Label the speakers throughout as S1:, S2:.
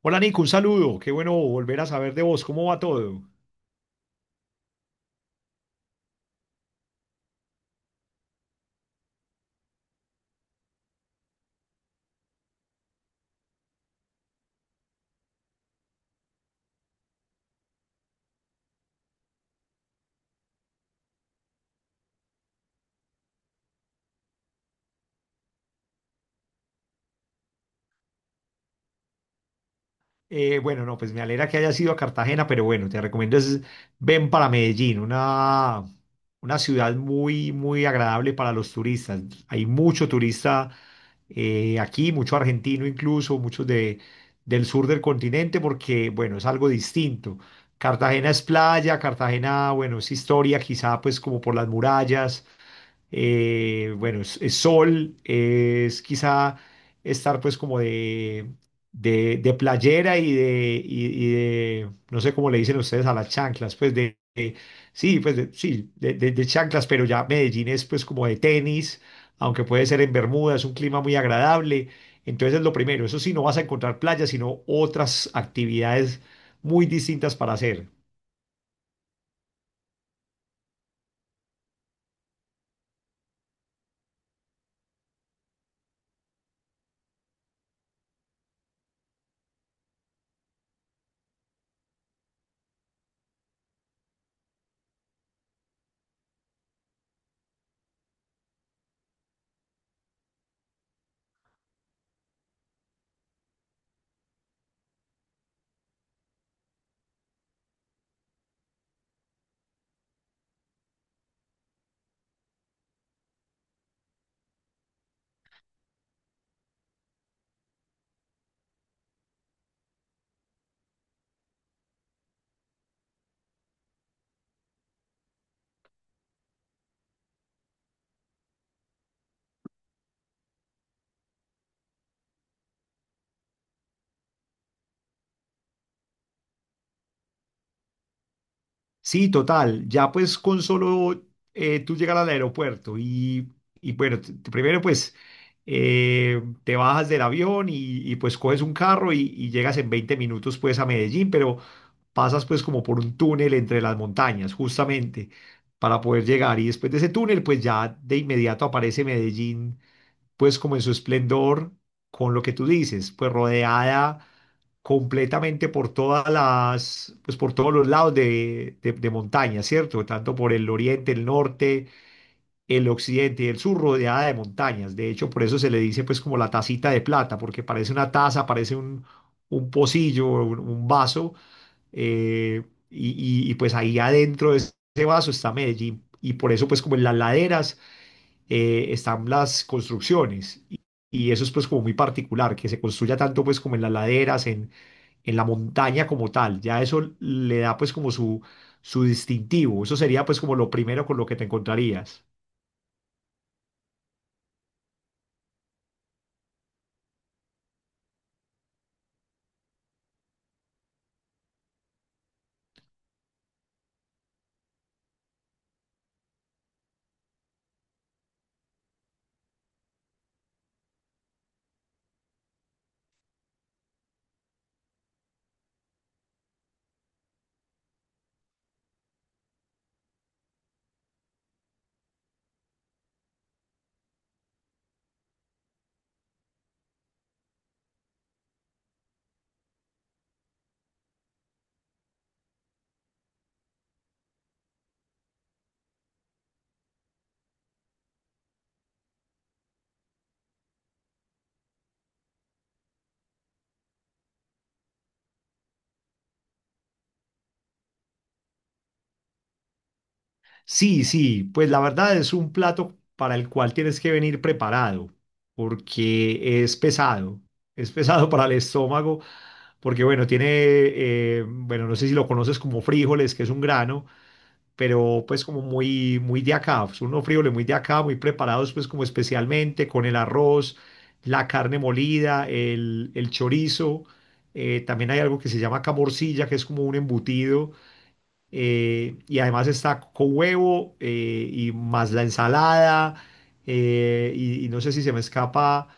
S1: Hola Nico, un saludo. Qué bueno volver a saber de vos. ¿Cómo va todo? Bueno, no, pues me alegra que hayas ido a Cartagena, pero bueno, te recomiendo es ven para Medellín, una ciudad muy, muy agradable para los turistas. Hay mucho turista aquí, mucho argentino incluso, del sur del continente, porque bueno, es algo distinto. Cartagena es playa, Cartagena, bueno, es historia, quizá pues como por las murallas. Bueno, es sol, es quizá estar pues como de playera y de, no sé cómo le dicen ustedes a las chanclas, sí, sí, de chanclas, pero ya Medellín es pues como de tenis, aunque puede ser en Bermuda, es un clima muy agradable. Entonces, lo primero, eso sí, no vas a encontrar playas, sino otras actividades muy distintas para hacer. Sí, total. Ya pues con solo tú llegar al aeropuerto y bueno, primero pues te bajas del avión y, pues coges un carro y llegas en 20 minutos pues a Medellín, pero pasas pues como por un túnel entre las montañas justamente para poder llegar. Y después de ese túnel pues ya de inmediato aparece Medellín pues como en su esplendor con lo que tú dices, pues rodeada completamente por todas las, pues por todos los lados de montaña, ¿cierto? Tanto por el oriente, el norte, el occidente y el sur, rodeada de montañas. De hecho, por eso se le dice pues como la tacita de plata, porque parece una taza, un pocillo, un vaso, eh, y, y, pues ahí adentro de ese vaso está Medellín. Y por eso pues como en las laderas están las construcciones. Y eso es pues como muy particular, que se construya tanto pues como en las laderas, en la montaña como tal. Ya eso le da pues como su distintivo. Eso sería pues como lo primero con lo que te encontrarías. Sí, sí, pues la verdad es un plato para el cual tienes que venir preparado, porque es pesado. Es pesado para el estómago, porque bueno, bueno, no sé si lo conoces como frijoles, que es un grano, pero pues como muy, muy de acá, pues, unos frijoles muy de acá, muy preparados pues como especialmente con el arroz, la carne molida, el chorizo, también hay algo que se llama acá morcilla, que es como un embutido, y además está con huevo, y más la ensalada, y no sé si se me escapa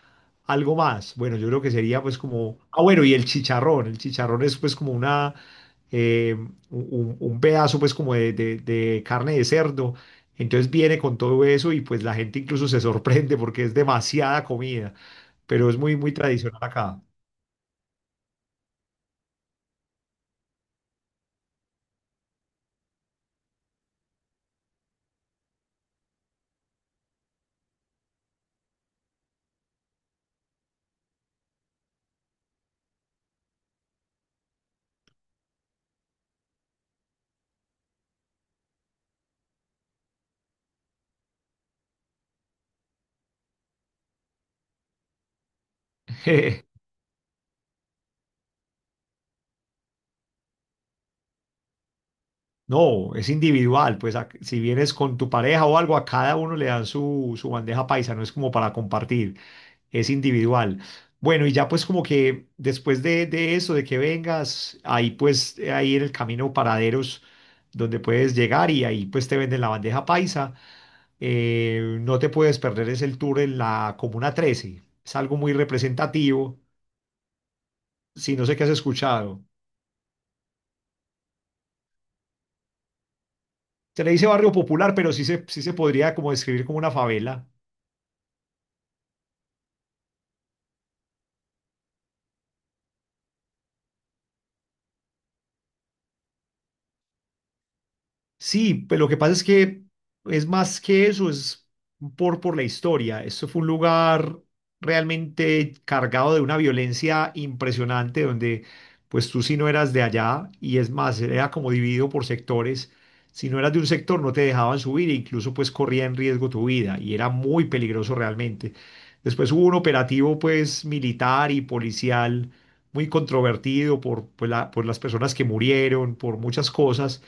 S1: algo más. Bueno, yo creo que sería pues como, ah bueno, y el chicharrón es pues como eh, un pedazo pues como de carne de cerdo. Entonces viene con todo eso y pues la gente incluso se sorprende porque es demasiada comida, pero es muy, muy tradicional acá. No, es individual, pues a- si vienes con tu pareja o algo, a cada uno le dan su, su bandeja paisa, no es como para compartir, es individual. Bueno, y ya pues como que después de eso, de que vengas, ahí pues ahí en el camino paraderos donde puedes llegar y ahí pues te venden la bandeja paisa. No te puedes perder, es el tour en la Comuna 13, es algo muy representativo, si no sé qué has escuchado. Se le dice barrio popular, pero sí se podría como describir como una favela. Sí, pero lo que pasa es que es más que eso, es por la historia. Esto fue un lugar realmente cargado de una violencia impresionante donde pues tú si no eras de allá, y es más, era como dividido por sectores, si no eras de un sector no te dejaban subir e incluso pues corría en riesgo tu vida y era muy peligroso realmente. Después hubo un operativo pues militar y policial muy controvertido por, por las personas que murieron, por muchas cosas,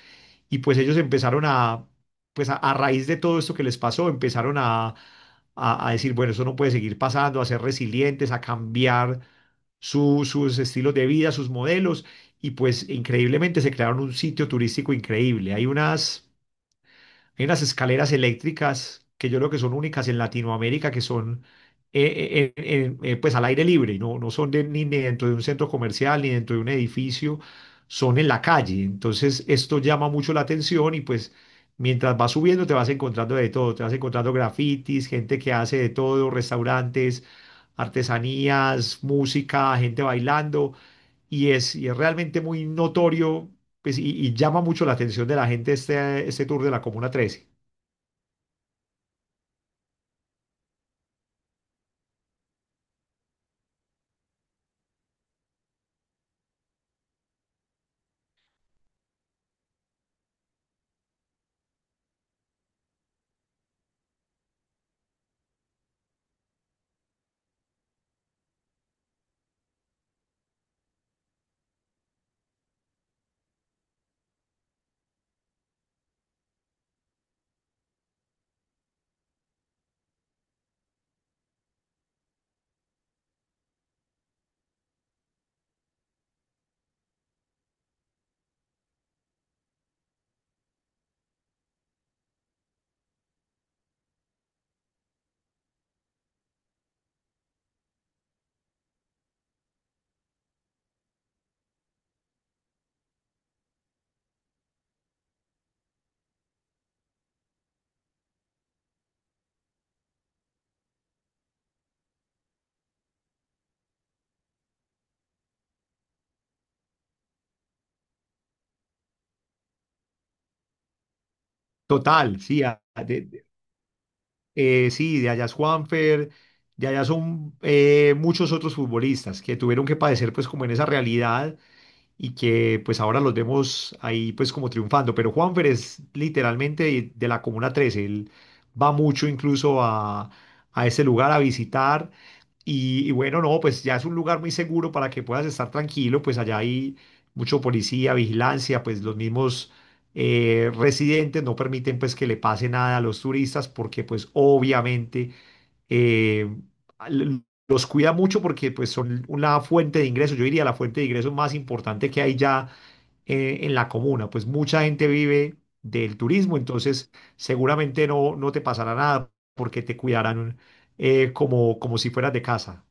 S1: y pues ellos empezaron a, pues a raíz de todo esto que les pasó, empezaron a decir, bueno, eso no puede seguir pasando, a ser resilientes, a cambiar sus estilos de vida, sus modelos. Y pues increíblemente se crearon un sitio turístico increíble. Hay unas escaleras eléctricas que yo creo que son únicas en Latinoamérica, que son pues al aire libre, no, no son de- ni dentro de un centro comercial ni dentro de un edificio, son en la calle. Entonces esto llama mucho la atención y pues mientras vas subiendo te vas encontrando de todo, te vas encontrando grafitis, gente que hace de todo, restaurantes, artesanías, música, gente bailando, y es realmente muy notorio pues, y llama mucho la atención de la gente este tour de la Comuna 13. Total, sí, sí, de allá es Juanfer, de allá son muchos otros futbolistas que tuvieron que padecer pues como en esa realidad y que pues ahora los vemos ahí pues como triunfando, pero Juanfer es literalmente de la Comuna 13. Él va mucho incluso a ese lugar a visitar, y bueno, no, pues ya es un lugar muy seguro para que puedas estar tranquilo, pues allá hay mucho policía, vigilancia, pues los mismos residentes no permiten pues que le pase nada a los turistas, porque pues obviamente eh, al- los cuida mucho porque pues son una fuente de ingresos, yo diría la fuente de ingresos más importante que hay ya en la comuna, pues mucha gente vive del turismo, entonces seguramente no, no te pasará nada porque te cuidarán, como, como si fueras de casa.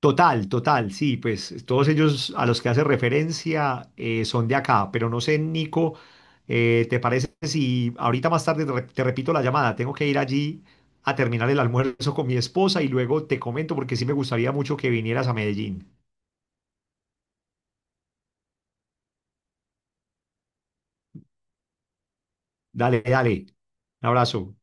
S1: Total, total, sí, pues todos ellos a los que hace referencia son de acá, pero no sé, Nico, ¿te parece si ahorita más tarde te, te repito la llamada? Tengo que ir allí a terminar el almuerzo con mi esposa y luego te comento porque sí me gustaría mucho que vinieras a Medellín. Dale, dale, un abrazo.